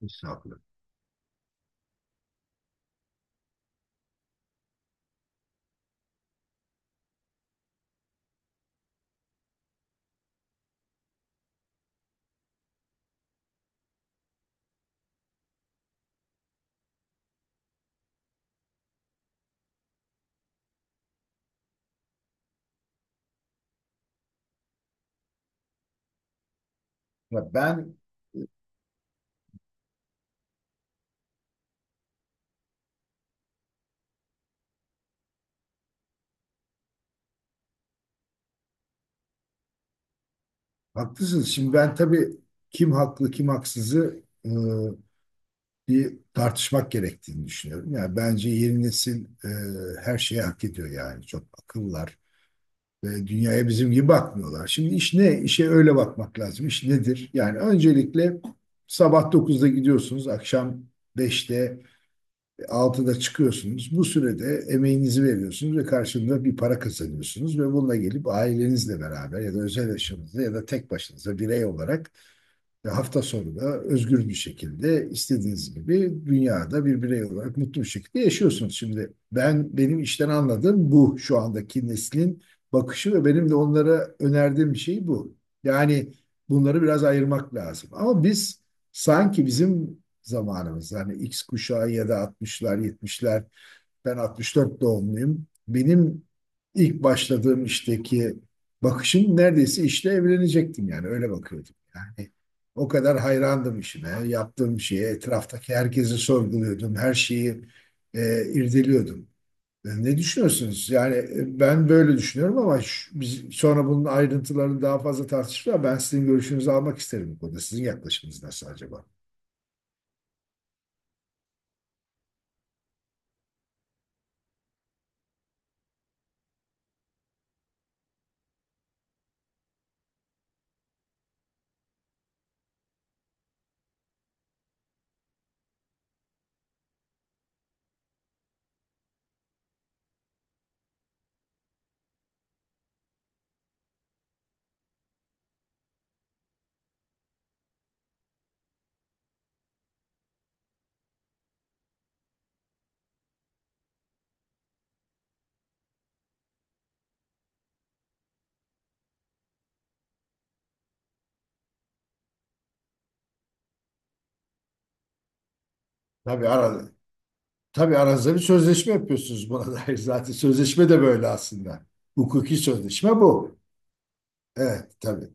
Estağfurullah. Ya ben Haklısınız. Şimdi ben tabii kim haklı kim haksızı bir tartışmak gerektiğini düşünüyorum. Yani bence yeni nesil her şeyi hak ediyor yani. Çok akıllılar ve dünyaya bizim gibi bakmıyorlar. Şimdi iş ne? İşe öyle bakmak lazım. İş nedir? Yani öncelikle sabah dokuzda gidiyorsunuz, akşam beşte, altıda çıkıyorsunuz. Bu sürede emeğinizi veriyorsunuz ve karşılığında bir para kazanıyorsunuz ve bununla gelip ailenizle beraber ya da özel yaşamınızda ya da tek başınıza birey olarak ve hafta sonu da özgür bir şekilde istediğiniz gibi dünyada bir birey olarak mutlu bir şekilde yaşıyorsunuz. Şimdi ben benim işten anladığım bu şu andaki neslin bakışı ve benim de onlara önerdiğim şey bu. Yani bunları biraz ayırmak lazım. Ama biz sanki bizim zamanımız yani X kuşağı ya da 60'lar 70'ler, ben 64 doğumluyum. Benim ilk başladığım işteki bakışım neredeyse işle evlenecektim yani öyle bakıyordum. Yani o kadar hayrandım işime, yaptığım şeye, etraftaki herkesi sorguluyordum, her şeyi irdeliyordum. Ne düşünüyorsunuz? Yani ben böyle düşünüyorum ama biz sonra bunun ayrıntılarını daha fazla tartışırız. Ben sizin görüşünüzü almak isterim bu konuda. Sizin yaklaşımınız nasıl acaba? Tabii ara, Tabii aranızda bir sözleşme yapıyorsunuz buna dair zaten. Sözleşme de böyle aslında. Hukuki sözleşme bu. Evet, tabii.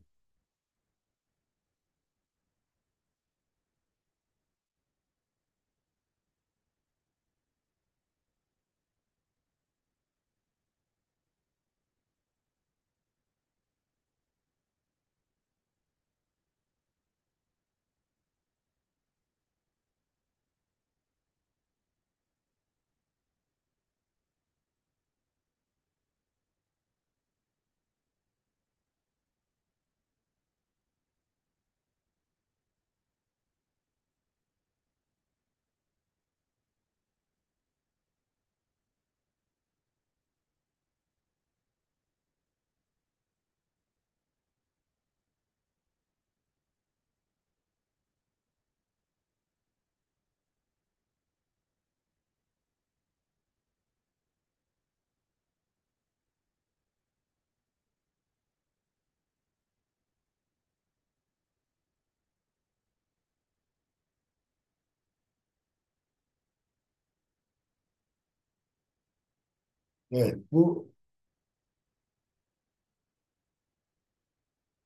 Evet, bu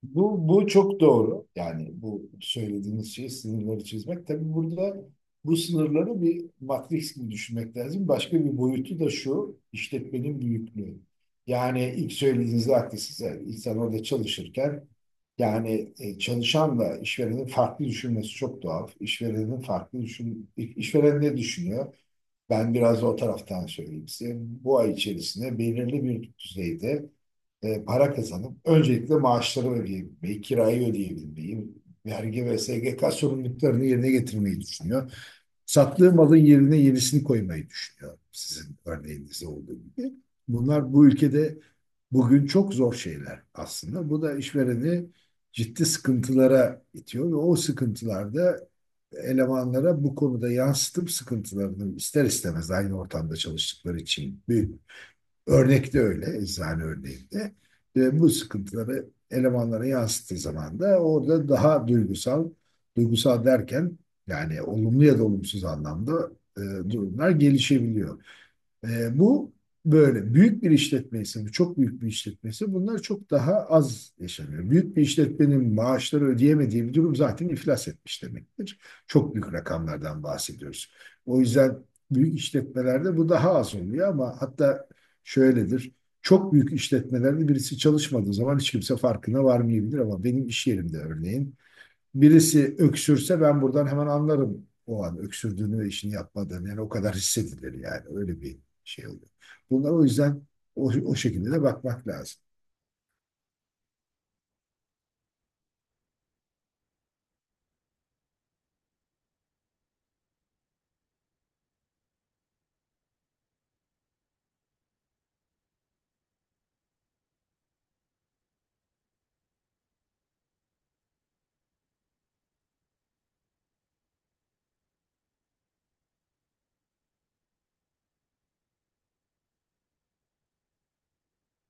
bu çok doğru. Yani bu söylediğiniz şey sınırları çizmek. Tabii burada bu sınırları bir matris gibi düşünmek lazım. Başka bir boyutu da şu, işletmenin büyüklüğü. Yani ilk söylediğinizde haklısınız. Yani İnsan orada çalışırken yani çalışanla işverenin farklı düşünmesi çok doğal. İşverenin farklı düşün, işveren ne düşünüyor? Ben biraz da o taraftan söyleyeyim size. Bu ay içerisinde belirli bir düzeyde para kazanıp öncelikle maaşları ödeyebilmeyi, kirayı ödeyebilmeyi, vergi ve SGK sorumluluklarını yerine getirmeyi düşünüyor. Sattığı malın yerine yenisini koymayı düşünüyor. Sizin örneğinizde olduğu gibi. Bunlar bu ülkede bugün çok zor şeyler aslında. Bu da işvereni ciddi sıkıntılara itiyor ve o sıkıntılarda elemanlara bu konuda yansıtıp sıkıntılarını ister istemez aynı ortamda çalıştıkları için büyük. Örnekte öyle, eczane örneğinde. Bu sıkıntıları elemanlara yansıttığı zaman da orada daha duygusal, duygusal derken yani olumlu ya da olumsuz anlamda e, durumlar gelişebiliyor. Bu böyle. Büyük bir işletme ise, bu çok büyük bir işletmesi bunlar çok daha az yaşanıyor. Büyük bir işletmenin maaşları ödeyemediği bir durum zaten iflas etmiş demektir. Çok büyük rakamlardan bahsediyoruz. O yüzden büyük işletmelerde bu daha az oluyor ama hatta şöyledir. Çok büyük işletmelerde birisi çalışmadığı zaman hiç kimse farkına varmayabilir ama benim iş yerimde örneğin birisi öksürse ben buradan hemen anlarım o an öksürdüğünü ve işini yapmadığını. Yani o kadar hissedilir yani öyle bir şey oluyor. Bunlar o yüzden o şekilde de bakmak lazım.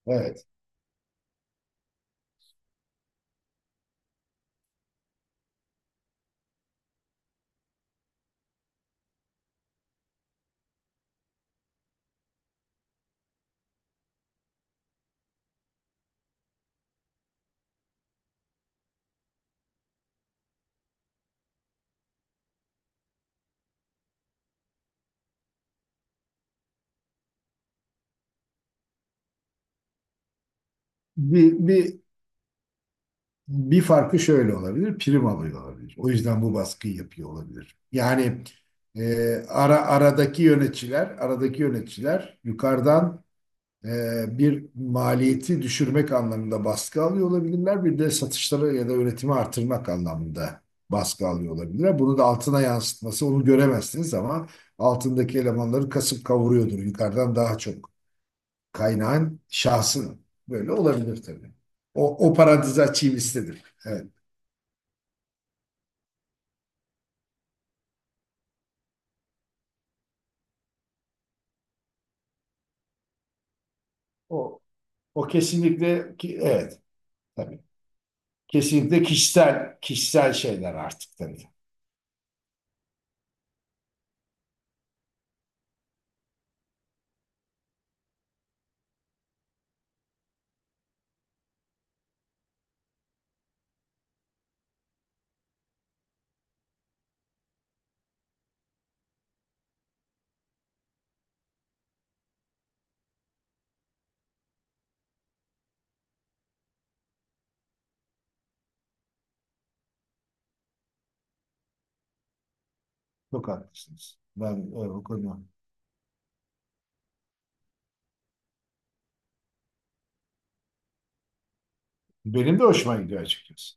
Evet. Bir, bir, bir farkı şöyle olabilir, prim alıyor olabilir. O yüzden bu baskıyı yapıyor olabilir. Yani aradaki yöneticiler, aradaki yöneticiler yukarıdan, bir maliyeti düşürmek anlamında baskı alıyor olabilirler. Bir de satışları ya da üretimi artırmak anlamında baskı alıyor olabilirler. Bunu da altına yansıtması onu göremezsiniz ama altındaki elemanları kasıp kavuruyordur. Yukarıdan daha çok kaynağın şahsın böyle olabilir tabii. O parantezi açayım istedim. Evet. O, o kesinlikle ki evet. Tabii. Kesinlikle kişisel kişisel şeyler artık dedi. Çok haklısınız. Ben o konuda. Benim de hoşuma gidiyor açıkçası.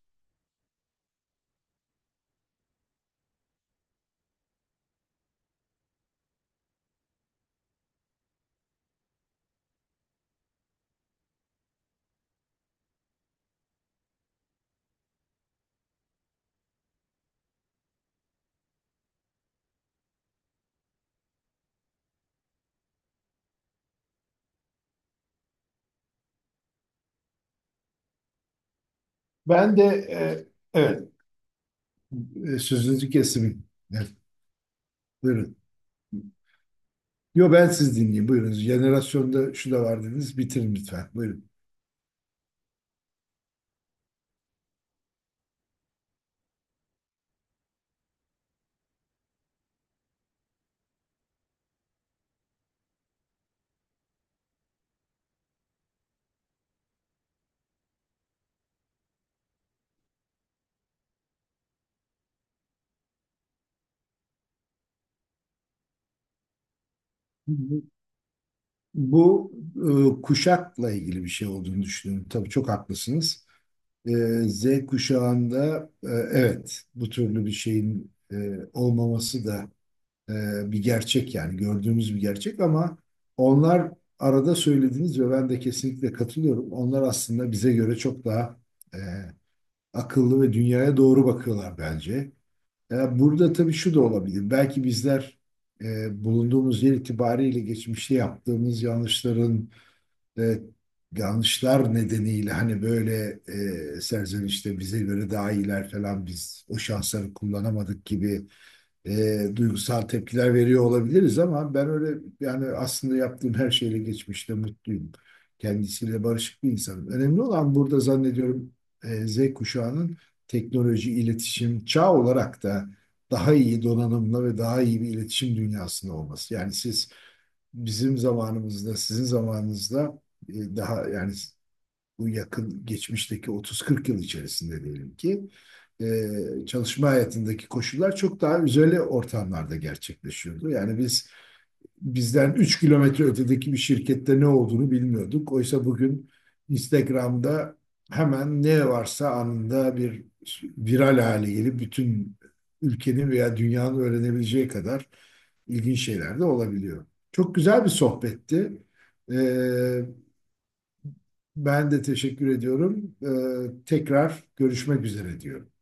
Ben de evet sözünüzü kesim. Evet, buyurun. Yo ben siz dinleyeyim. Buyurun. Jenerasyonda şu da var dediniz. Bitirin lütfen. Buyurun. Bu bu, Kuşakla ilgili bir şey olduğunu düşünüyorum. Tabii çok haklısınız. Ee, Z kuşağında, evet, bu türlü bir şeyin olmaması da e, bir gerçek, yani gördüğümüz bir gerçek, ama onlar arada söylediğiniz ve ben de kesinlikle katılıyorum. Onlar aslında bize göre çok daha e, akıllı ve dünyaya doğru bakıyorlar bence. Burada tabii şu da olabilir. Belki bizler bulunduğumuz yer itibariyle geçmişte yaptığımız yanlışların. Evet, yanlışlar nedeniyle hani böyle serzenişte bize göre daha iyiler falan biz o şansları kullanamadık gibi duygusal tepkiler veriyor olabiliriz ama ben öyle yani aslında yaptığım her şeyle geçmişte mutluyum. Kendisiyle barışık bir insanım. Önemli olan burada zannediyorum Z kuşağının teknoloji, iletişim çağ olarak da daha iyi donanımlı ve daha iyi bir iletişim dünyasında olması. Yani siz bizim zamanımızda, sizin zamanınızda daha yani bu yakın geçmişteki 30-40 yıl içerisinde diyelim ki çalışma hayatındaki koşullar çok daha özel ortamlarda gerçekleşiyordu. Yani biz bizden 3 km ötedeki bir şirkette ne olduğunu bilmiyorduk. Oysa bugün Instagram'da hemen ne varsa anında bir viral hale gelip bütün ülkenin veya dünyanın öğrenebileceği kadar ilginç şeyler de olabiliyor. Çok güzel bir sohbetti. Ee, Ben de teşekkür ediyorum. Tekrar görüşmek üzere diyorum.